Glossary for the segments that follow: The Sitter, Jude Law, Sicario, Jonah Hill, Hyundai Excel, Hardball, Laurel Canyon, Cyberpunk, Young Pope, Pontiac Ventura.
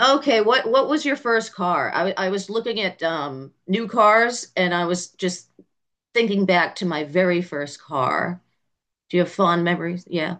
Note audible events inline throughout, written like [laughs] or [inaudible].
Okay, what was your first car? I was looking at new cars and I was just thinking back to my very first car. Do you have fond memories? Yeah.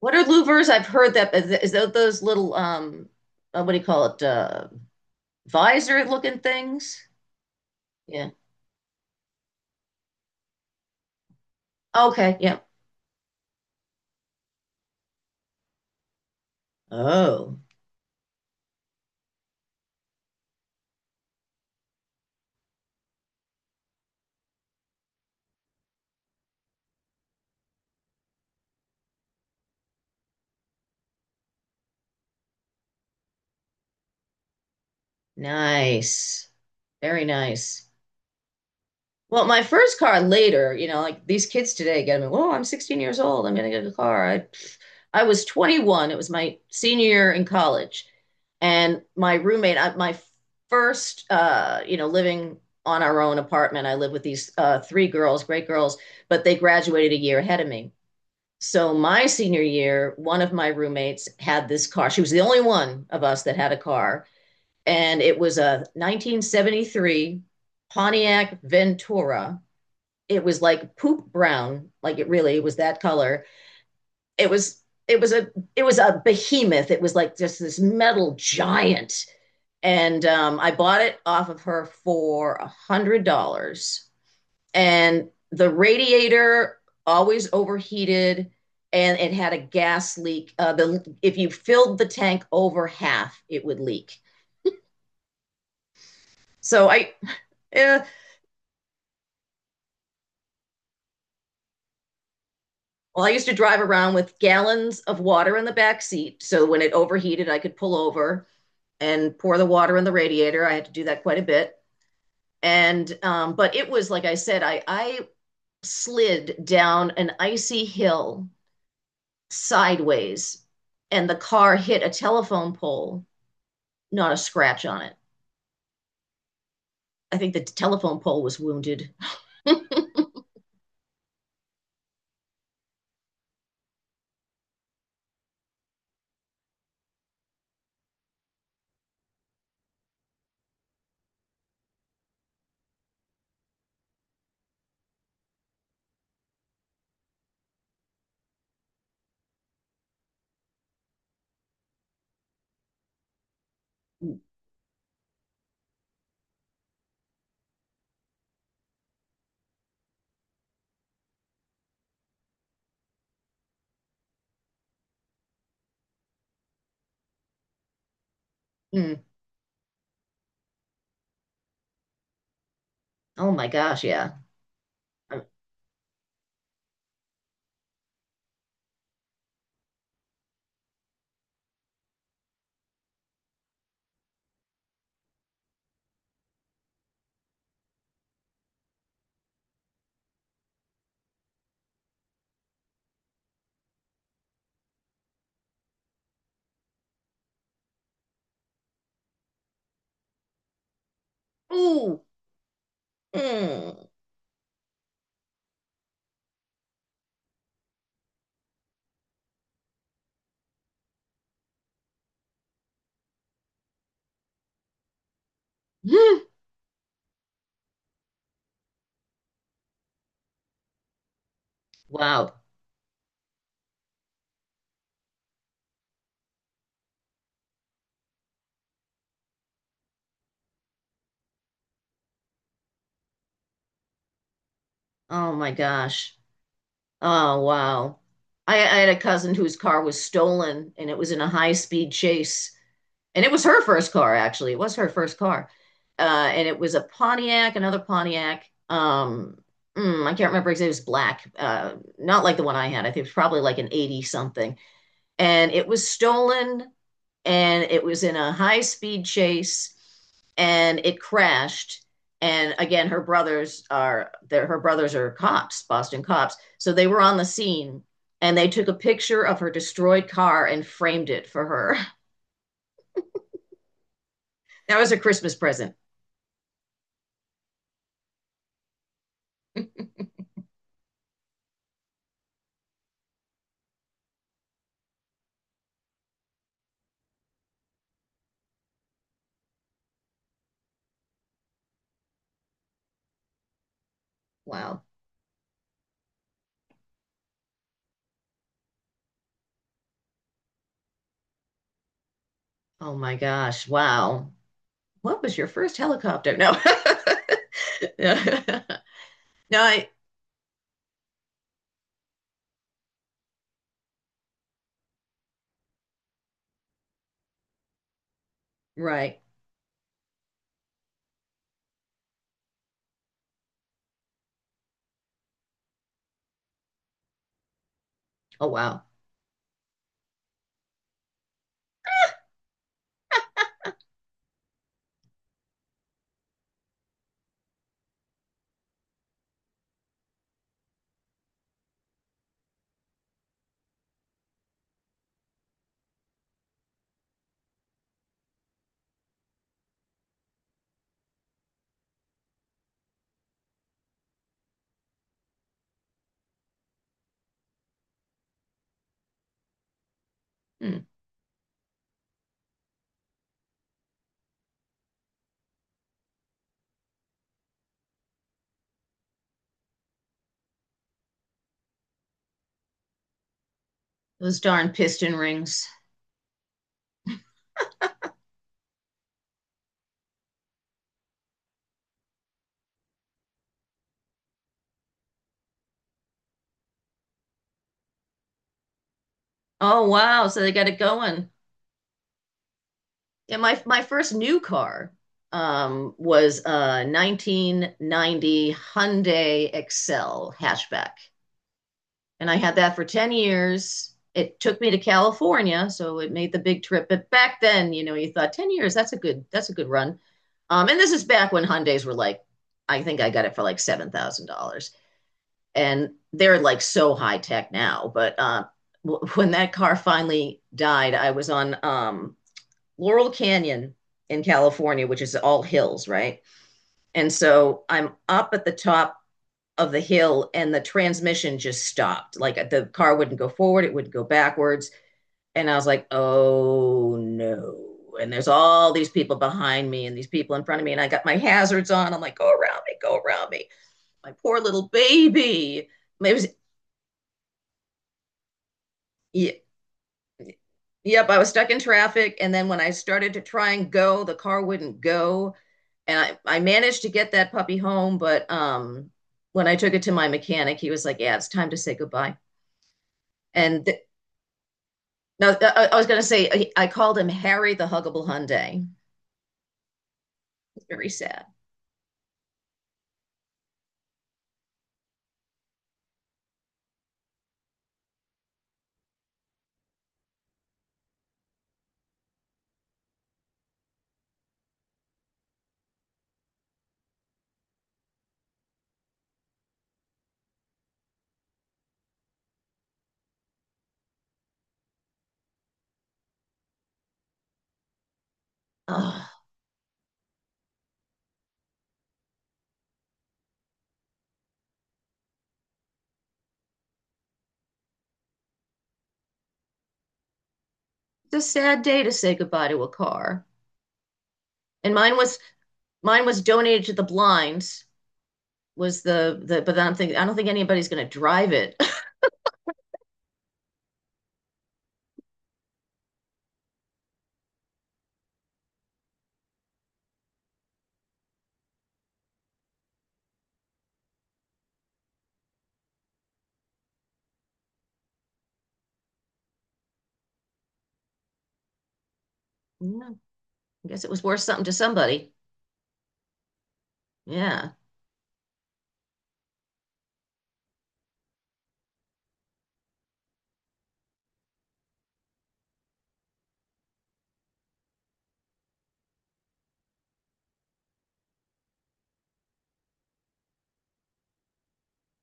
What are louvers? I've heard that is that those little what do you call it? Visor looking things? Yeah. Okay, yeah. Oh, nice. Very nice. Well, my first car later, you know, like these kids today get me, oh, I'm 16 years old. I'm gonna get a car. I was 21. It was my senior year in college, and my roommate, my first, you know, living on our own apartment. I lived with these three girls, great girls, but they graduated a year ahead of me. So my senior year, one of my roommates had this car. She was the only one of us that had a car, and it was a 1973 Pontiac Ventura. It was like poop brown, like it really was that color. it was it was a it was a behemoth. It was like just this metal giant. And I bought it off of her for $100, and the radiator always overheated, and it had a gas leak. The If you filled the tank over half it would leak. so i eh, well, I used to drive around with gallons of water in the back seat, so when it overheated I could pull over and pour the water in the radiator. I had to do that quite a bit. And but it was like I said, I slid down an icy hill sideways, and the car hit a telephone pole. Not a scratch on it. I think the telephone pole was wounded. [laughs] Mm. Oh my gosh, yeah. Um, Ooh. Mm. [laughs] Wow. Oh my gosh. Oh wow. I had a cousin whose car was stolen, and it was in a high speed chase, and it was her first car, actually. It was her first car, and it was a Pontiac, another Pontiac. I can't remember exactly. It was black, not like the one I had. I think it was probably like an 80 something, and it was stolen, and it was in a high speed chase, and it crashed. And again, her brothers are there. Her brothers are cops, Boston cops. So they were on the scene and they took a picture of her destroyed car and framed it for her. [laughs] That was her Christmas present. Wow. Oh my gosh. Wow. What was your first helicopter? No. [laughs] No, I, right. Oh wow. Hmm. Those darn piston rings. Oh wow. So they got it going. Yeah, my first new car was a 1990 Hyundai Excel hatchback. And I had that for 10 years. It took me to California, so it made the big trip. But back then, you know, you thought 10 years, that's a good run. And this is back when Hyundai's were like, I think I got it for like $7,000. And they're like so high tech now. But when that car finally died, I was on Laurel Canyon in California, which is all hills, right? And so I'm up at the top of the hill and the transmission just stopped. Like the car wouldn't go forward, it would go backwards. And I was like, oh no. And there's all these people behind me and these people in front of me. And I got my hazards on. I'm like, go around me, go around me. My poor little baby. It was, yeah, yep, I was stuck in traffic. And then when I started to try and go, the car wouldn't go. And I managed to get that puppy home. But when I took it to my mechanic, he was like, yeah, it's time to say goodbye. And no, I was going to say I called him Harry the Huggable Hyundai. It's very sad. Oh, it's a sad day to say goodbye to a car. And mine was donated to the blinds. Was the But I don't think anybody's going to drive it. [laughs] No, I guess it was worth something to somebody. Yeah,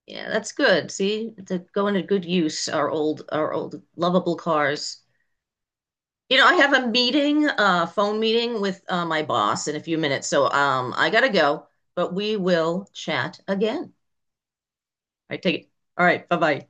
yeah, that's good. See, to go into good use our old lovable cars. You know, I have a meeting, a phone meeting with my boss in a few minutes, so I gotta go. But we will chat again. I take it. All right, bye-bye.